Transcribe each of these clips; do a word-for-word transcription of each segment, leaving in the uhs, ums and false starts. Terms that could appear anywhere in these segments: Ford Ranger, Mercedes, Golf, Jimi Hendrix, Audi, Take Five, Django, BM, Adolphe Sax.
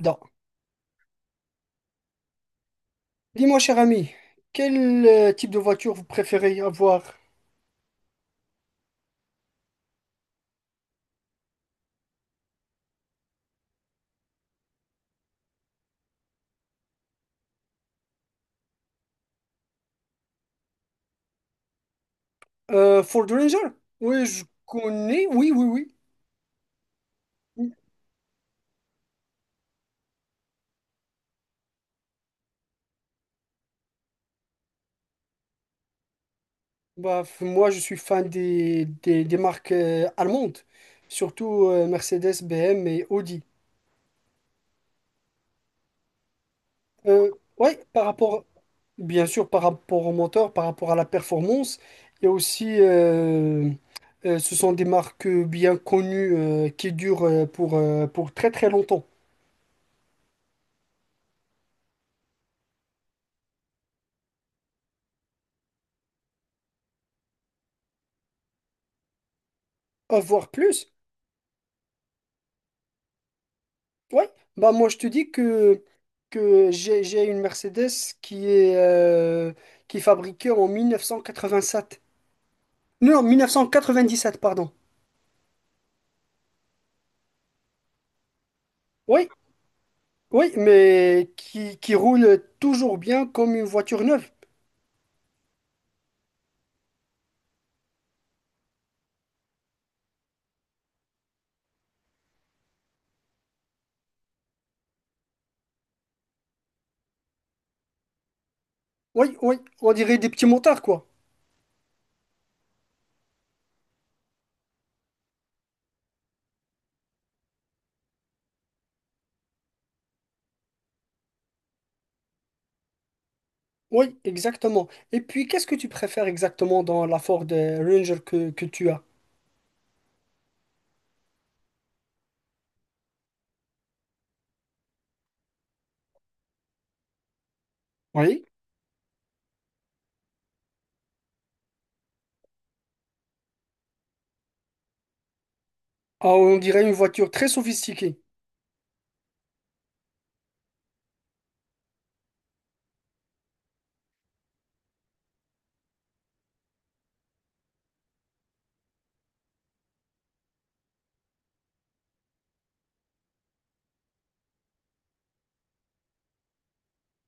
Non. Dis-moi, cher ami, quel euh, type de voiture vous préférez avoir? Euh, Ford Ranger? Oui, je connais. Oui, oui, oui. Oui. Bah, f- moi, je suis fan des, des, des marques euh, allemandes, surtout euh, Mercedes, B M et Audi. Euh, ouais, par rapport, bien sûr, par rapport au moteur, par rapport à la performance, et aussi, euh, euh, ce sont des marques bien connues euh, qui durent euh, pour, euh, pour très très longtemps. Euh, voire plus. Ouais, bah moi je te dis que, que j'ai j'ai une Mercedes qui est, euh, qui est fabriquée en sept. Non, mille neuf cent quatre-vingt-dix sept pardon. Oui, oui, mais qui, qui roule toujours bien comme une voiture neuve. Oui, oui, on dirait des petits motards, quoi. Oui, exactement. Et puis, qu'est-ce que tu préfères exactement dans la Ford euh, Ranger que, que tu as? Oui. Ah, on dirait une voiture très sophistiquée.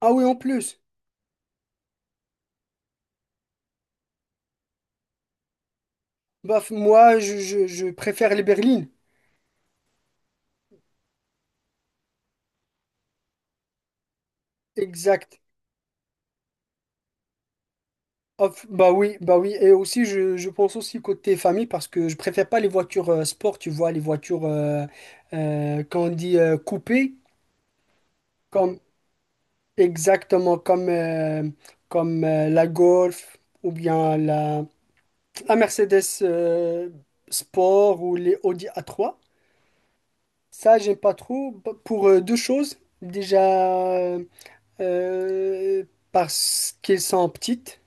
Ah oui, en plus. Bah, f- moi, je, je je préfère les berlines. Exact. Hop, bah oui, bah oui, et aussi je, je pense aussi côté famille parce que je préfère pas les voitures euh, sport, tu vois, les voitures euh, euh, quand on dit euh, coupées, comme exactement comme euh, comme euh, la Golf ou bien la, la Mercedes euh, Sport ou les Audi a trois. Ça, j'aime pas trop b- pour euh, deux choses. Déjà euh, parce qu'elles sont petites.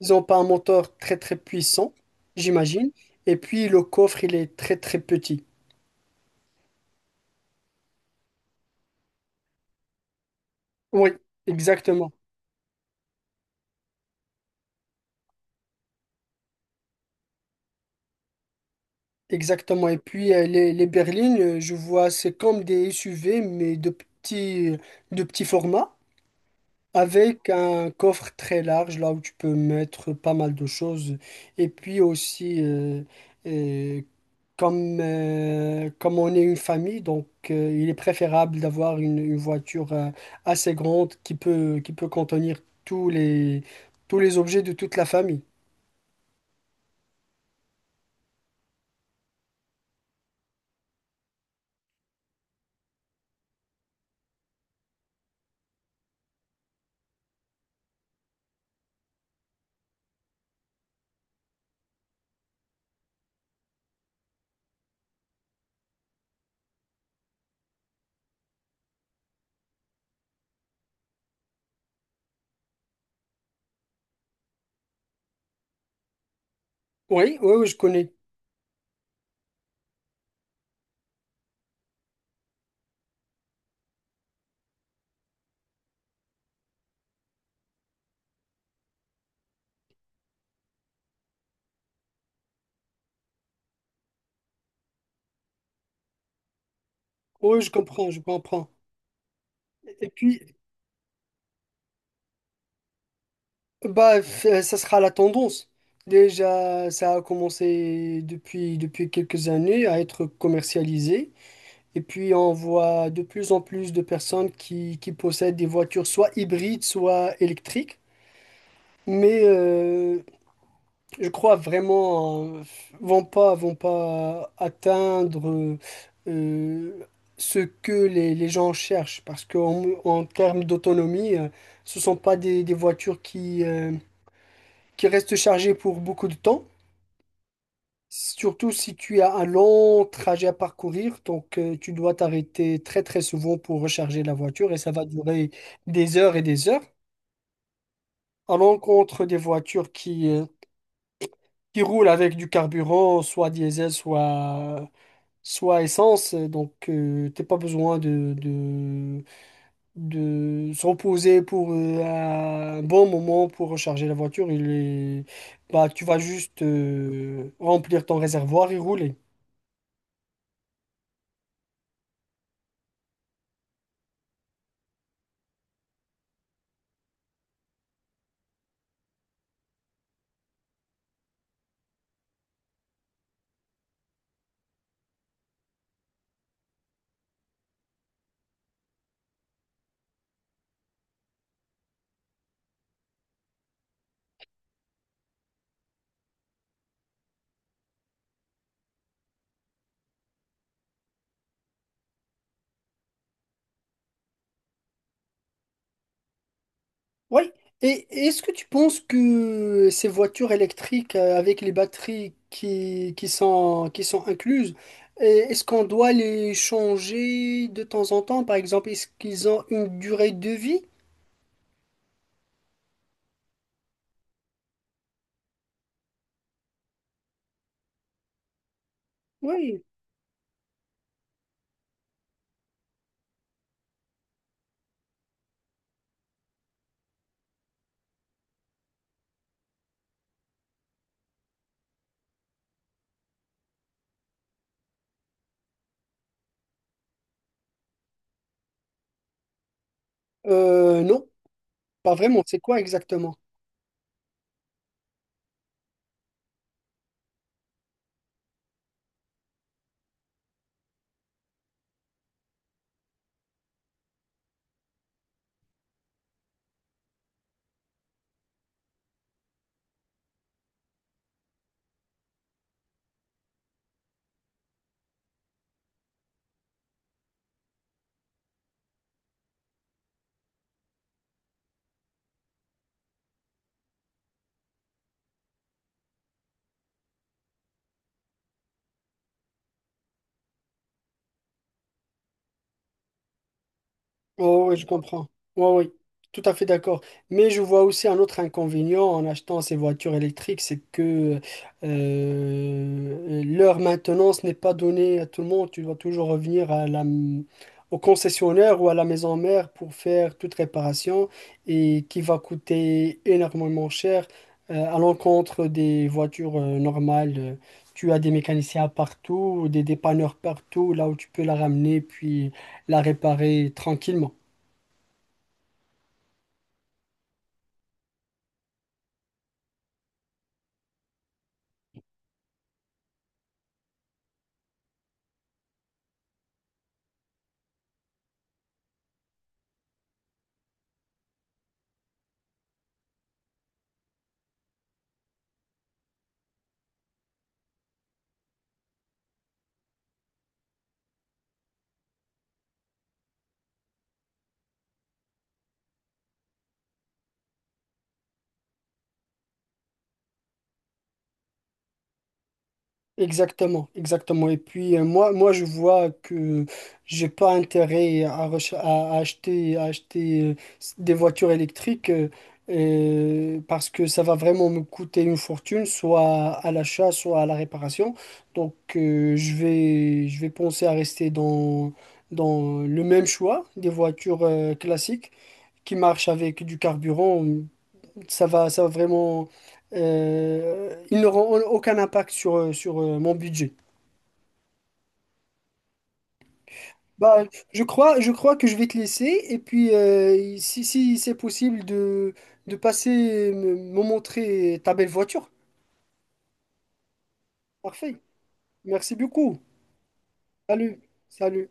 Ils n'ont pas un moteur très très puissant, j'imagine. Et puis le coffre, il est très très petit. Oui, exactement. Exactement. Et puis euh, les, les berlines, euh, je vois, c'est comme des S U V, mais de petits, de petits formats, avec un coffre très large, là où tu peux mettre pas mal de choses. Et puis aussi, euh, euh, comme, euh, comme on est une famille, donc euh, il est préférable d'avoir une, une voiture euh, assez grande qui peut, qui peut contenir tous les, tous les objets de toute la famille. Oui, oui, oui, je connais. Oui, je comprends, je comprends. Et puis, bah, f- euh, ça sera la tendance. Déjà, ça a commencé depuis, depuis quelques années à être commercialisé. Et puis, on voit de plus en plus de personnes qui, qui possèdent des voitures soit hybrides, soit électriques. Mais euh, je crois vraiment euh, vont pas vont pas atteindre euh, ce que les, les gens cherchent parce qu'en en termes d'autonomie, euh, ce sont pas des, des voitures qui euh, qui restent chargées pour beaucoup de temps. Surtout si tu as un long trajet à parcourir, donc euh, tu dois t'arrêter très très souvent pour recharger la voiture et ça va durer des heures et des heures. À l'encontre des voitures qui euh, qui roule avec du carburant, soit diesel, soit, soit essence. Donc, euh, t'as pas besoin de, de, de se reposer pour euh, un bon moment pour recharger la voiture. Il est, bah, tu vas juste euh, remplir ton réservoir et rouler. Oui. Et est-ce que tu penses que ces voitures électriques euh, avec les batteries qui, qui sont, qui sont incluses, euh, est-ce qu'on doit les changer de temps en temps? Par exemple, est-ce qu'ils ont une durée de vie? Oui. Euh, non, pas vraiment. C'est quoi exactement? Oh, oui, je comprends. Oui, oui, tout à fait d'accord. Mais je vois aussi un autre inconvénient en achetant ces voitures électriques, c'est que euh, leur maintenance n'est pas donnée à tout le monde. Tu dois toujours revenir à la, au concessionnaire ou à la maison mère pour faire toute réparation et qui va coûter énormément cher euh, à l'encontre des voitures euh, normales. Tu as des mécaniciens partout, des dépanneurs partout, là où tu peux la ramener puis la réparer tranquillement. Exactement, exactement. Et puis euh, moi, moi, je vois que j'ai pas intérêt à, recha- à- à acheter, à acheter euh, s- des voitures électriques euh, euh, parce que ça va vraiment me coûter une fortune, soit à l'achat, soit à la réparation. Donc euh, je vais, je vais penser à rester dans, dans le même choix des voitures euh, classiques qui marchent avec du carburant. Ça va, ça va vraiment. euh, ils n'auront aucun impact sur, euh, sur euh, mon budget. Bah, je crois, je crois que je vais te laisser. Et puis, euh, si, si c'est possible de, de passer, me, me montrer ta belle voiture. Parfait. Merci beaucoup. Salut. Salut.